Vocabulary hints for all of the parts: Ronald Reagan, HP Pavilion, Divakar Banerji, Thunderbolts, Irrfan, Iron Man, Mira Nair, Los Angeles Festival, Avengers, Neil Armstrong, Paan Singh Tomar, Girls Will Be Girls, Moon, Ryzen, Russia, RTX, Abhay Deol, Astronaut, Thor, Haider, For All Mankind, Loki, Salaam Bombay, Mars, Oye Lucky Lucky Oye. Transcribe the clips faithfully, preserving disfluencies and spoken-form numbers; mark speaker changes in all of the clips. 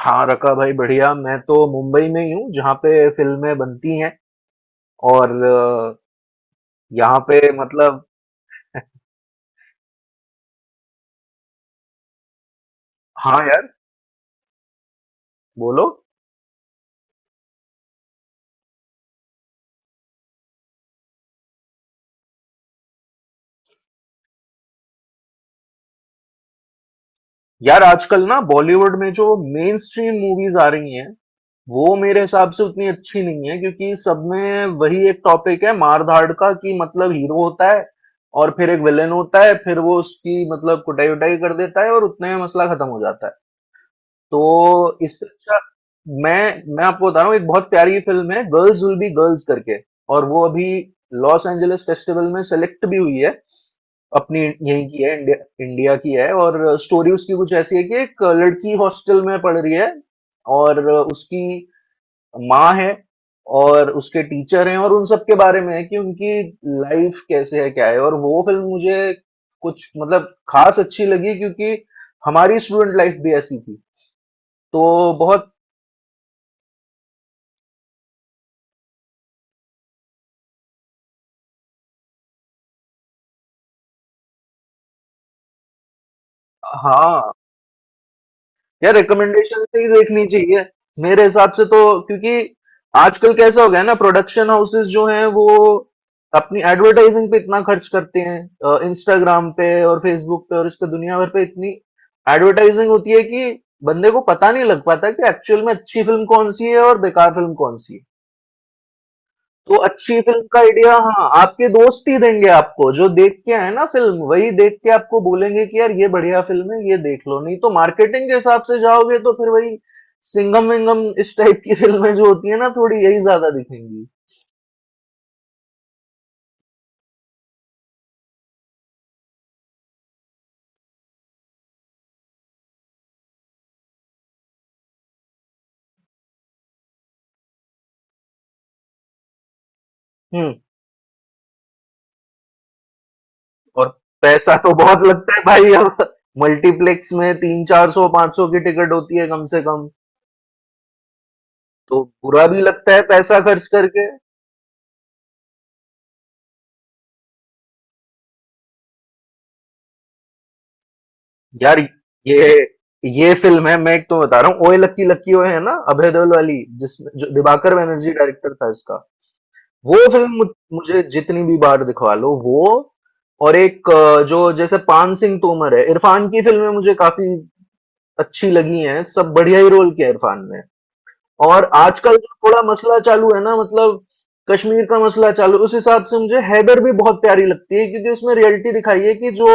Speaker 1: हाँ, रका भाई बढ़िया। मैं तो मुंबई में ही हूँ जहाँ पे फ़िल्में बनती हैं। और अ, यहाँ पे मतलब। हाँ यार, बोलो। यार आजकल ना बॉलीवुड में जो मेनस्ट्रीम मूवीज़ आ रही हैं, वो मेरे हिसाब से उतनी अच्छी नहीं है, क्योंकि सब में वही एक टॉपिक है मार-धाड़ का कि मतलब हीरो होता है और फिर एक विलेन होता है, फिर वो उसकी मतलब कुटाई-वुटाई कर देता है और उतने में मसला खत्म हो जाता है। तो इससे अच्छा मैं मैं आपको बता रहा हूँ, एक बहुत प्यारी फिल्म है गर्ल्स विल बी गर्ल्स करके। और वो अभी लॉस एंजलिस फेस्टिवल में सेलेक्ट भी हुई है। अपनी यहीं की है, इंडिया। इंडिया की है, और स्टोरी उसकी कुछ ऐसी है कि एक लड़की हॉस्टल में पढ़ रही है, और उसकी माँ है, और उसके टीचर हैं, और उन सब के बारे में है कि उनकी लाइफ कैसे है, क्या है। और वो फिल्म मुझे कुछ मतलब खास अच्छी लगी क्योंकि हमारी स्टूडेंट लाइफ भी ऐसी थी। तो बहुत। हाँ, यार रिकमेंडेशन से ही देखनी चाहिए मेरे हिसाब से तो। क्योंकि आजकल कैसा हो गया है ना, प्रोडक्शन हाउसेस जो हैं वो अपनी एडवर्टाइजिंग पे इतना खर्च करते हैं, इंस्टाग्राम पे और फेसबुक पे और इस पे दुनिया भर पे इतनी एडवर्टाइजिंग होती है कि बंदे को पता नहीं लग पाता कि एक्चुअल में अच्छी फिल्म कौन सी है और बेकार फिल्म कौन सी है। तो अच्छी फिल्म का आइडिया हाँ आपके दोस्त ही देंगे, आपको जो देख के आए ना फिल्म वही देख के आपको बोलेंगे कि यार ये बढ़िया फिल्म है, ये देख लो। नहीं तो मार्केटिंग के हिसाब से जाओगे तो फिर वही सिंगम विंगम इस टाइप की फिल्में जो होती है ना थोड़ी यही ज्यादा दिखेंगी। हम्म। और पैसा तो बहुत लगता है भाई अब। मल्टीप्लेक्स में तीन चार सौ पांच सौ की टिकट होती है कम से कम। तो बुरा भी लगता है पैसा खर्च करके। यार ये ये फिल्म है, मैं एक तो बता रहा हूँ, ओए लक्की लक्की ओए, है ना, अभय देओल वाली, जिसमें जो दिवाकर बनर्जी डायरेक्टर था इसका। वो फिल्म मुझ, मुझे जितनी भी बार दिखवा लो वो। और एक अ, जो जैसे पान सिंह तोमर है, इरफान की फिल्में मुझे काफी अच्छी लगी हैं। सब बढ़िया ही रोल किया इरफान ने। और आजकल जो थोड़ा मसला चालू है ना, मतलब कश्मीर का मसला चालू, उस हिसाब से मुझे हैदर भी बहुत प्यारी लगती है, क्योंकि उसमें रियलिटी दिखाई है कि जो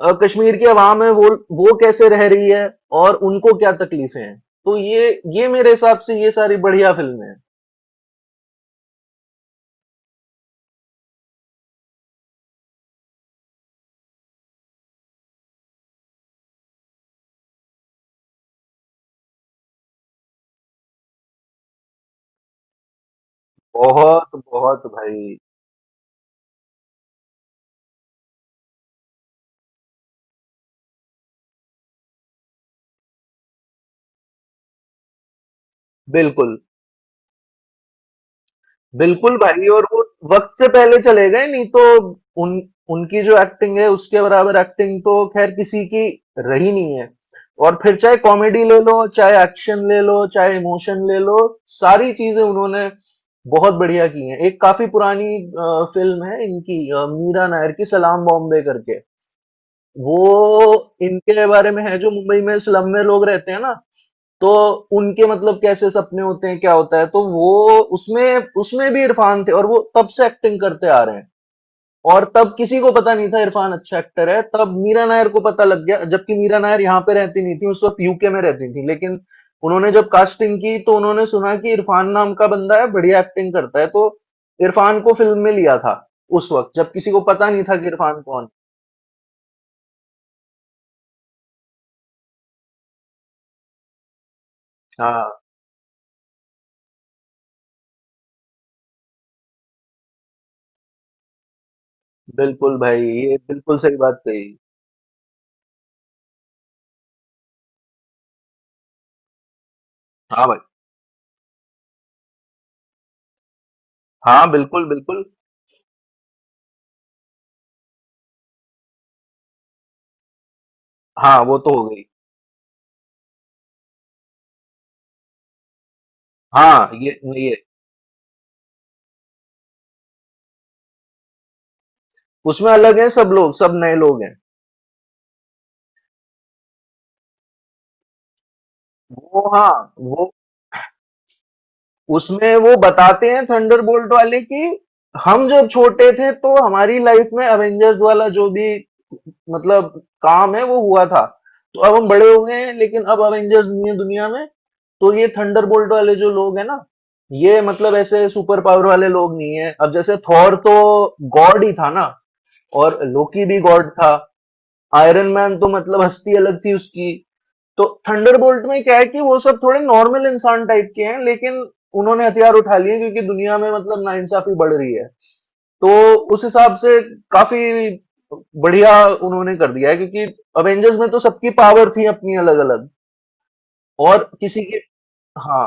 Speaker 1: अ, कश्मीर की आवाम है, वो वो कैसे रह रही है और उनको क्या तकलीफें हैं। तो ये ये मेरे हिसाब से ये सारी बढ़िया फिल्में हैं। बहुत बहुत भाई। बिल्कुल बिल्कुल भाई। और वो वक्त से पहले चले गए, नहीं तो उन उनकी जो एक्टिंग है उसके बराबर एक्टिंग तो खैर किसी की रही नहीं है। और फिर चाहे कॉमेडी ले लो, चाहे एक्शन ले लो, चाहे इमोशन ले लो, सारी चीजें उन्होंने बहुत बढ़िया की हैं। एक काफी पुरानी अ, फिल्म है इनकी, अ, मीरा नायर की सलाम बॉम्बे करके। वो इनके बारे में है जो मुंबई में स्लम में लोग रहते हैं ना, तो उनके मतलब कैसे सपने होते हैं, क्या होता है। तो वो उसमें उसमें भी इरफान थे, और वो तब से एक्टिंग करते आ रहे हैं। और तब किसी को पता नहीं था इरफान अच्छा एक्टर है, तब मीरा नायर को पता लग गया, जबकि मीरा नायर यहाँ पे रहती नहीं थी उस वक्त, यूके में रहती थी। लेकिन उन्होंने जब कास्टिंग की तो उन्होंने सुना कि इरफान नाम का बंदा है, बढ़िया एक्टिंग करता है, तो इरफान को फिल्म में लिया था उस वक्त, जब किसी को पता नहीं था कि इरफान कौन है। हाँ। बिल्कुल भाई, ये बिल्कुल सही बात कही। हाँ भाई। हाँ बिल्कुल बिल्कुल। हाँ वो तो हो गई। हाँ ये ये। उसमें अलग है सब लोग, सब नए लोग हैं। वो, हाँ, वो उसमें वो बताते हैं थंडरबोल्ट वाले कि हम जब छोटे थे तो हमारी लाइफ में अवेंजर्स वाला जो भी मतलब काम है वो हुआ था। तो अब हम बड़े हो गए हैं, लेकिन अब अवेंजर्स नहीं है दुनिया में, तो ये थंडरबोल्ट वाले जो लोग हैं ना, ये मतलब ऐसे सुपर पावर वाले लोग नहीं है। अब जैसे थॉर तो गॉड ही था ना, और लोकी भी गॉड था। आयरन मैन तो मतलब हस्ती अलग थी उसकी। तो थंडरबोल्ट में क्या है कि वो सब थोड़े नॉर्मल इंसान टाइप के हैं, लेकिन उन्होंने हथियार उठा लिए क्योंकि दुनिया में मतलब नाइंसाफी बढ़ रही है। तो उस हिसाब से काफी बढ़िया उन्होंने कर दिया है, क्योंकि अवेंजर्स में तो सबकी पावर थी अपनी अलग अलग। और किसी की। हाँ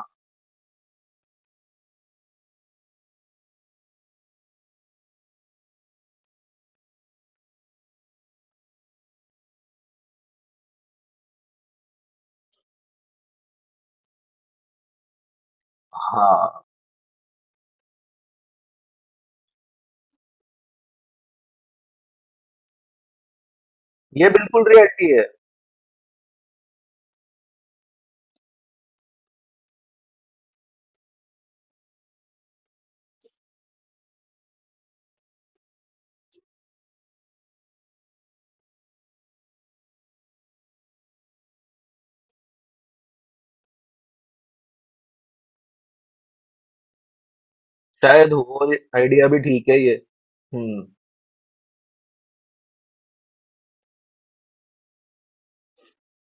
Speaker 1: हाँ, ये बिल्कुल रियलिटी है। शायद हो। आइडिया भी ठीक है ये। हम्म।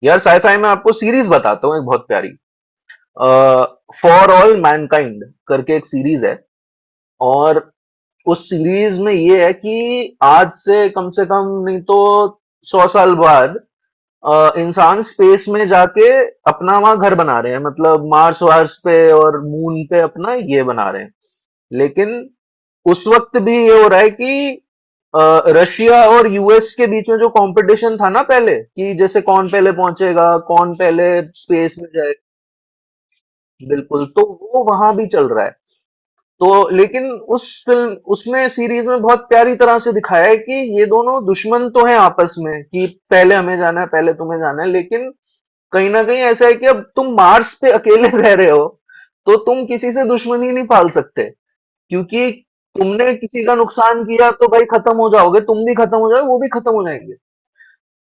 Speaker 1: यार साईफाई में आपको सीरीज बताता हूँ एक बहुत प्यारी, फॉर ऑल मैनकाइंड करके एक सीरीज है। और उस सीरीज में ये है कि आज से कम से कम नहीं तो सौ साल बाद, अ, इंसान स्पेस में जाके अपना वहां घर बना रहे हैं, मतलब मार्स वार्स पे और मून पे अपना ये बना रहे हैं। लेकिन उस वक्त भी ये हो रहा है कि अ, रशिया और यूएस के बीच में जो कंपटीशन था ना पहले, कि जैसे कौन पहले पहुंचेगा, कौन पहले स्पेस में जाए, बिल्कुल, तो वो वहां भी चल रहा है। तो लेकिन उस फिल्म, उसमें सीरीज में बहुत प्यारी तरह से दिखाया है कि ये दोनों दुश्मन तो हैं आपस में, कि पहले हमें जाना है, पहले तुम्हें जाना है, लेकिन कहीं ना कहीं ऐसा है कि अब तुम मार्स पे अकेले रह रहे हो, तो तुम किसी से दुश्मनी नहीं पाल सकते। क्योंकि तुमने किसी का नुकसान किया तो भाई खत्म हो जाओगे, तुम भी खत्म हो जाओगे, वो भी खत्म हो जाएंगे।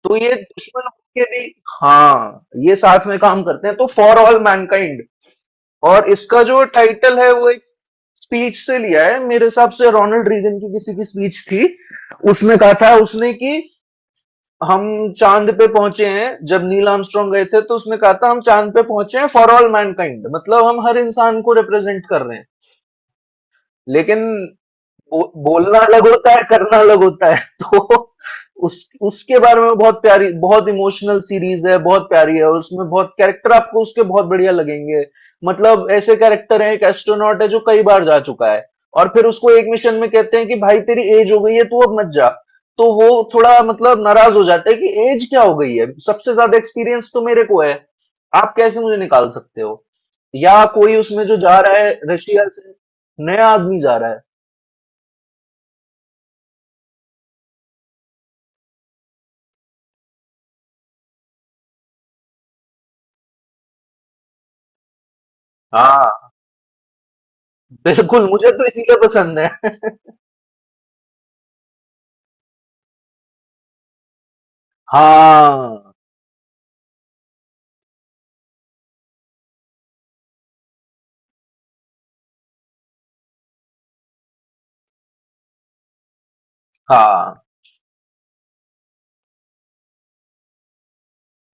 Speaker 1: तो ये दुश्मन के भी, हाँ, ये साथ में काम करते हैं, तो फॉर ऑल मैनकाइंड। और इसका जो टाइटल है वो एक स्पीच से लिया है, मेरे हिसाब से रोनाल्ड रीगन की किसी की स्पीच थी। उसमें कहा था उसने कि हम चांद पे पहुंचे हैं, जब नील आर्मस्ट्रांग गए थे तो उसने कहा था हम चांद पे पहुंचे हैं फॉर ऑल मैनकाइंड, मतलब हम हर इंसान को रिप्रेजेंट कर रहे हैं। लेकिन बो, बोलना अलग होता है, करना अलग होता है। तो उस उसके बारे में बहुत प्यारी, बहुत इमोशनल सीरीज है, बहुत प्यारी है। और उसमें बहुत कैरेक्टर आपको उसके बहुत बढ़िया लगेंगे। मतलब ऐसे कैरेक्टर है, एक एस्ट्रोनॉट है जो कई बार जा चुका है, और फिर उसको एक मिशन में कहते हैं कि भाई तेरी एज हो गई है, तू अब मत जा। तो वो थोड़ा मतलब नाराज हो जाता है कि एज क्या हो गई है, सबसे ज्यादा एक्सपीरियंस तो मेरे को है, आप कैसे मुझे निकाल सकते हो। या कोई उसमें जो जा रहा है रशिया से, नया आदमी जा रहा है। हाँ बिल्कुल, मुझे तो इसीलिए पसंद है। हाँ। हाँ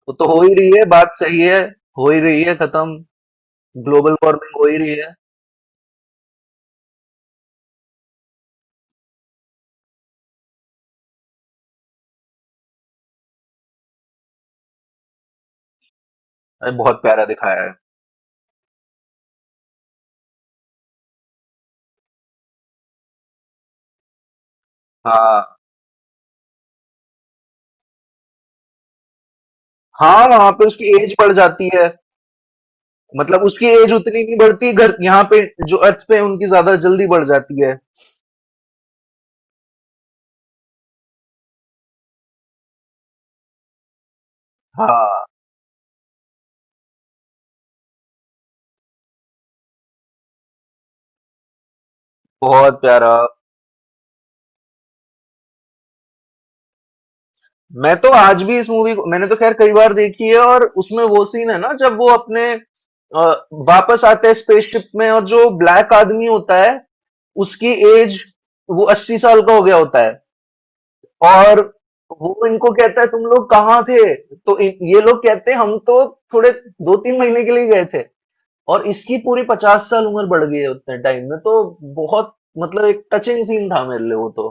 Speaker 1: वो तो हो ही रही है, बात सही है। हो ही रही है खत्म, ग्लोबल वार्मिंग हो ही रही है। अरे बहुत प्यारा दिखाया है। हाँ। हाँ वहां पे उसकी एज बढ़ जाती है, मतलब उसकी एज उतनी नहीं बढ़ती घर यहाँ पे, जो अर्थ पे उनकी ज्यादा जल्दी बढ़ जाती है। हाँ। बहुत प्यारा। मैं तो आज भी इस मूवी को, मैंने तो खैर कई बार देखी है, और उसमें वो सीन है ना जब वो अपने अ, वापस आते हैं स्पेसशिप में, और जो ब्लैक आदमी होता है उसकी एज, वो अस्सी साल का हो गया होता है। और वो इनको कहता है तुम लोग कहाँ थे, तो इ- ये लोग कहते हैं हम तो थोड़े दो तीन महीने के लिए गए थे, और इसकी पूरी पचास साल उम्र बढ़ गई है उतने टाइम में। तो बहुत मतलब एक टचिंग सीन था मेरे लिए वो तो।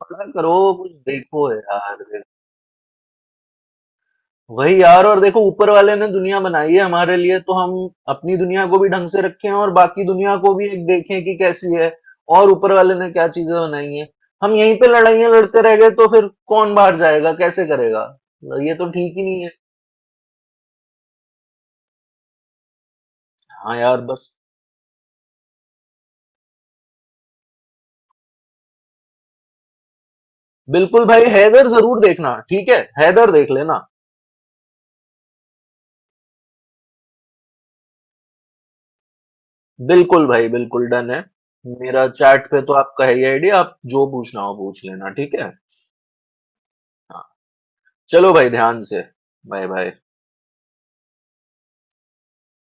Speaker 1: पता करो कुछ देखो यार, वही यार। और देखो ऊपर वाले ने दुनिया बनाई है हमारे लिए, तो हम अपनी दुनिया को भी ढंग से रखें और बाकी दुनिया को भी एक देखें कि कैसी है, और ऊपर वाले ने क्या चीजें बनाई हैं। हम यहीं पे लड़ाइयां लड़ते रह गए तो फिर कौन बाहर जाएगा, कैसे करेगा। ये तो ठीक ही नहीं है। हाँ यार बस। बिल्कुल भाई, हैदर जरूर देखना, ठीक है, हैदर देख लेना। बिल्कुल भाई, बिल्कुल डन है। मेरा चैट पे तो आपका है ही आईडी, आप जो पूछना हो पूछ लेना, ठीक है। हाँ। चलो भाई ध्यान से। Bye bye.